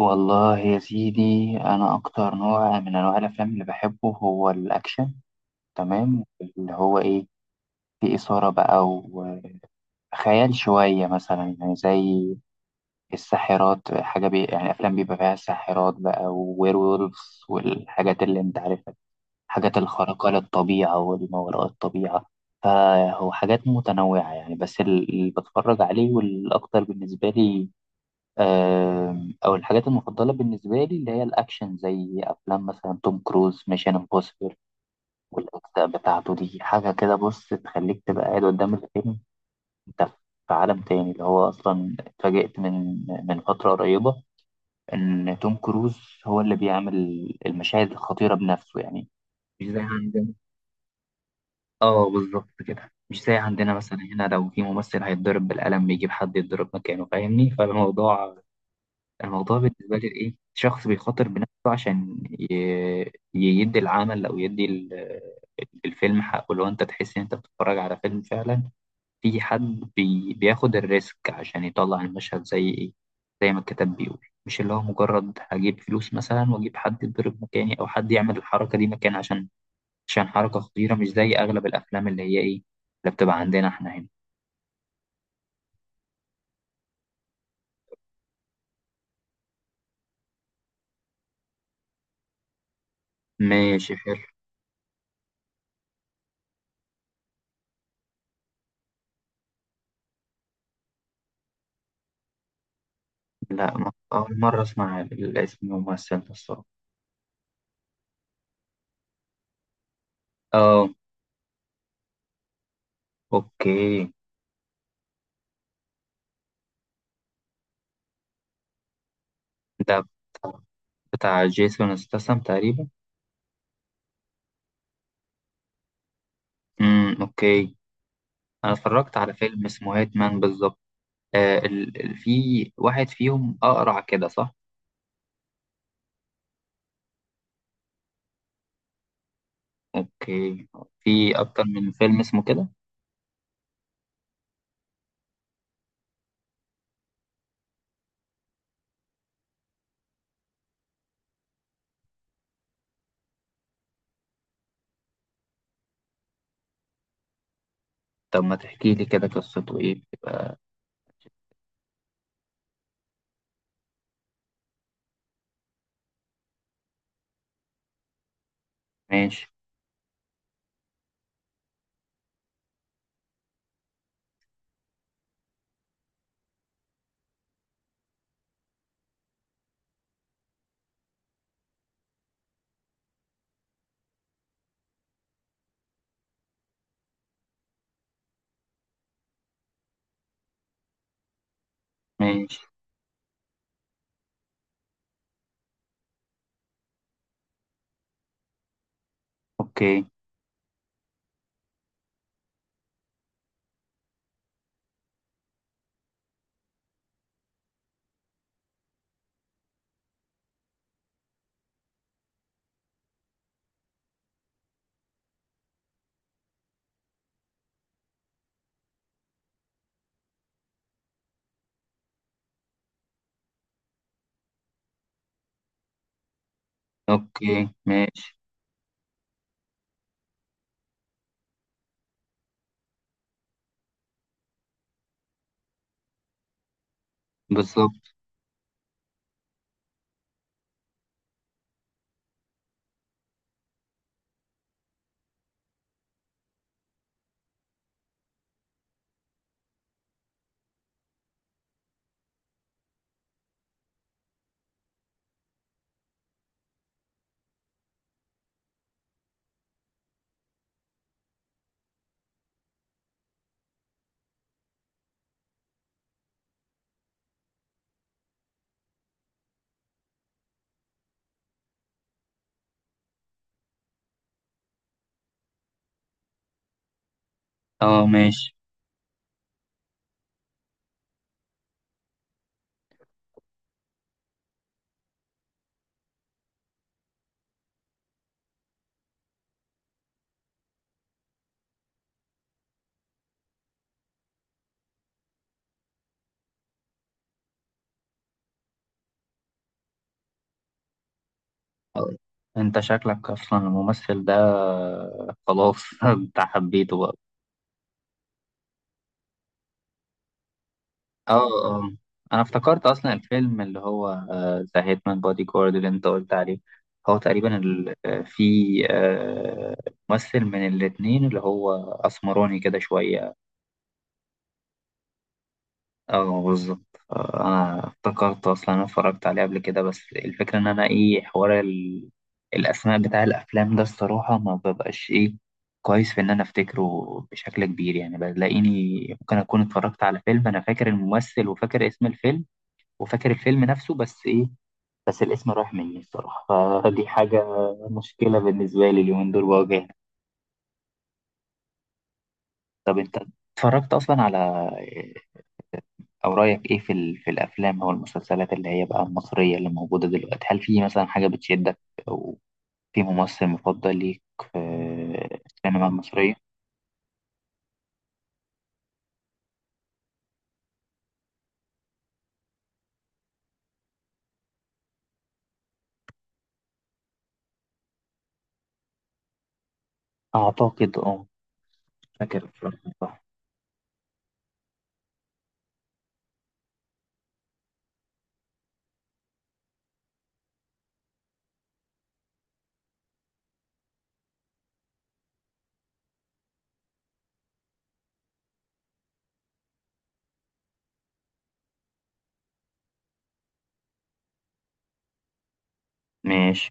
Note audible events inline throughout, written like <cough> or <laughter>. والله يا سيدي، أنا أكتر نوع من أنواع الأفلام اللي بحبه هو الأكشن. تمام، اللي هو إيه؟ في إثارة بقى وخيال شوية مثلا، يعني زي الساحرات، حاجة بي يعني، أفلام بيبقى فيها ساحرات بقى، ووير وولفز والحاجات اللي أنت عارفها. الحاجات الخارقة للطبيعة والما وراء الطبيعة. فهو حاجات متنوعة يعني، بس اللي بتفرج عليه والأكتر بالنسبة لي، او الحاجات المفضله بالنسبه لي اللي هي الاكشن، زي افلام مثلا توم كروز، ميشن امبوسيبل. والاجزاء بتاعته دي حاجه كده، بص، تخليك تبقى قاعد قدام الفيلم. انت في عالم تاني. اللي هو اصلا اتفاجئت من فتره قريبه ان توم كروز هو اللي بيعمل المشاهد الخطيره بنفسه يعني. مش زي عندنا. اه، بالظبط كده، مش زي عندنا. مثلا هنا لو في ممثل هيتضرب بالقلم بيجيب حد يتضرب مكانه، فاهمني؟ الموضوع بالنسبة لي إيه؟ شخص بيخاطر بنفسه عشان يدي العمل، أو يدي الفيلم حقه. لو أنت تحس إن أنت بتتفرج على فيلم فعلا، في حد بياخد الريسك عشان يطلع المشهد زي إيه؟ زي ما الكتاب بيقول. مش اللي هو مجرد هجيب فلوس مثلا وأجيب حد يضرب مكاني، أو حد يعمل الحركة دي مكان عشان حركة خطيرة. مش زي أغلب الأفلام اللي هي إيه، اللي بتبقى عندنا إحنا هنا. ماشي، حلو. لا، أول مرة أسمع الاسم، الممثل ده، الصراحة. آه. اوكي. ده بتاع، بتاع جيسون ستاثام تقريبا. امم، اوكي. انا اتفرجت على فيلم اسمه هيتمان بالظبط. آه، في واحد فيهم اقرع كده، صح؟ اوكي. في اكتر من فيلم اسمه كده. طب ما تحكي لي كده، قصته ايه بتبقى؟ ماشي. ماشي. اوكي. اوكي، ماشي. بالظبط. اه، ماشي. آه، انت شكلك اصلا الممثل ده خلاص، <laughs> انت حبيته بقى. اه اه، انا افتكرت اصلا الفيلم اللي هو ذا هيتمان بودي جارد اللي انت قلت عليه، هو تقريبا في آه، ممثل من الاتنين اللي هو اسمراني كده شوية. اه، بالظبط. انا افتكرت اصلا، انا اتفرجت عليه قبل كده، بس الفكرة ان انا ايه، حوار الاسماء بتاع الافلام ده الصراحة ما ببقاش ايه، كويس في ان انا افتكره بشكل كبير. يعني بلاقيني ممكن اكون اتفرجت على فيلم، انا فاكر الممثل وفاكر اسم الفيلم وفاكر الفيلم نفسه، بس ايه، بس الاسم رايح مني الصراحة. فدي حاجة مشكلة بالنسبة لي اليومين دول بواجهها. طب انت اتفرجت اصلا على او رايك ايه في في الافلام او المسلسلات اللي هي بقى المصرية اللي موجودة دلوقتي؟ هل في مثلا حاجة بتشدك، او في ممثل مفضل ليك في السينما المصرية؟ اعتقد اه. فاكر الفيلم، صح. ماشي.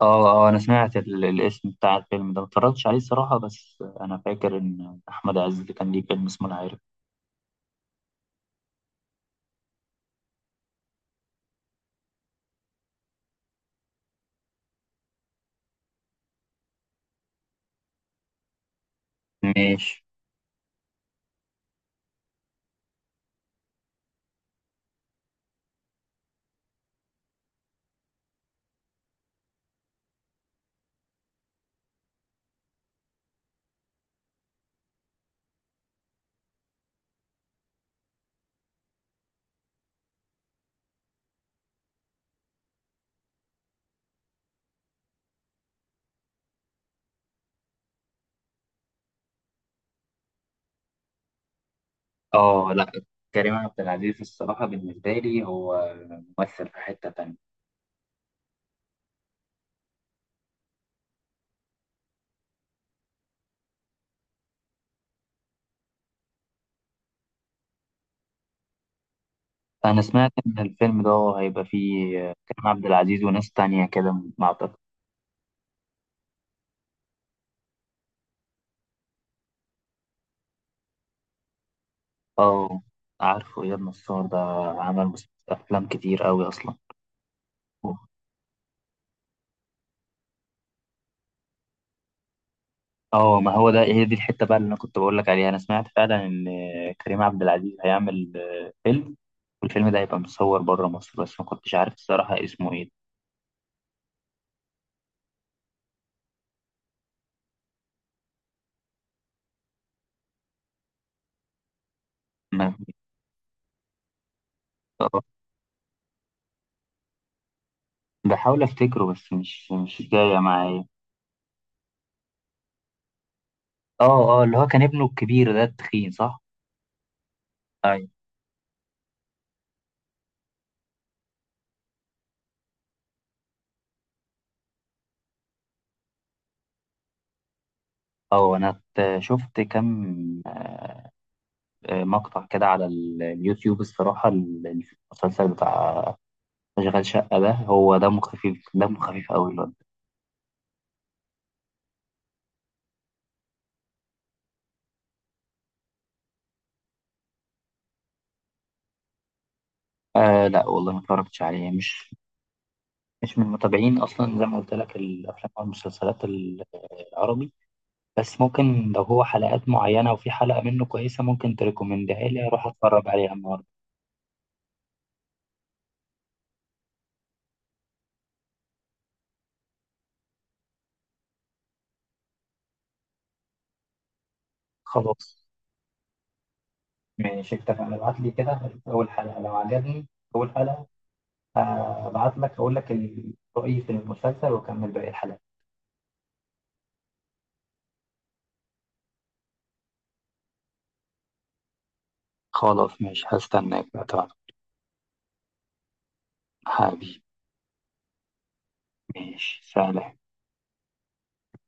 اه اه، انا سمعت الاسم بتاع الفيلم ده، ما اتفرجتش عليه الصراحة، بس انا فاكر ان احمد عز كان ليه فيلم اسمه العارف. ماشي. اه، لا، كريم عبد العزيز الصراحة بالنسبة لي هو ممثل في حتة تانية. أنا سمعت إن الفيلم ده هيبقى فيه كريم عبد العزيز وناس تانية كده. ما أعتقد. اه، عارفه إياد نصار ده، عمل أفلام كتير أوي أصلا. اه، ما هو ده، هي دي الحتة بقى اللي أنا كنت بقول لك عليها. أنا سمعت فعلا إن كريم عبد العزيز هيعمل فيلم، والفيلم ده هيبقى مصور بره مصر، بس ما كنتش عارف الصراحة اسمه إيه. ما- بحاول افتكره بس مش جاية معايا. اه اه، اللي هو كان ابنه الكبير ده التخين، صح؟ ايوه. اه، انا شفت كام مقطع كده على اليوتيوب الصراحة. المسلسل بتاع اشغال شقة ده، هو دمه خفيف، دمه خفيف قوي الواد. آه لا، والله ما اتفرجتش عليه. مش من متابعين اصلا، زي ما قلت لك، الافلام او المسلسلات العربي. بس ممكن لو هو حلقات معينة وفي حلقة منه كويسة، ممكن تريكومندها لي اروح اتفرج عليها النهارده. خلاص، ماشي، اتفقنا. ابعت لي كده أول حلقة، لو عجبني أول حلقة هبعت لك أقول لك رأيي في المسلسل وأكمل باقي الحلقة. خلاص، ماشي، هستناك بقى. تمام، حبيبي. ماشي، سلام.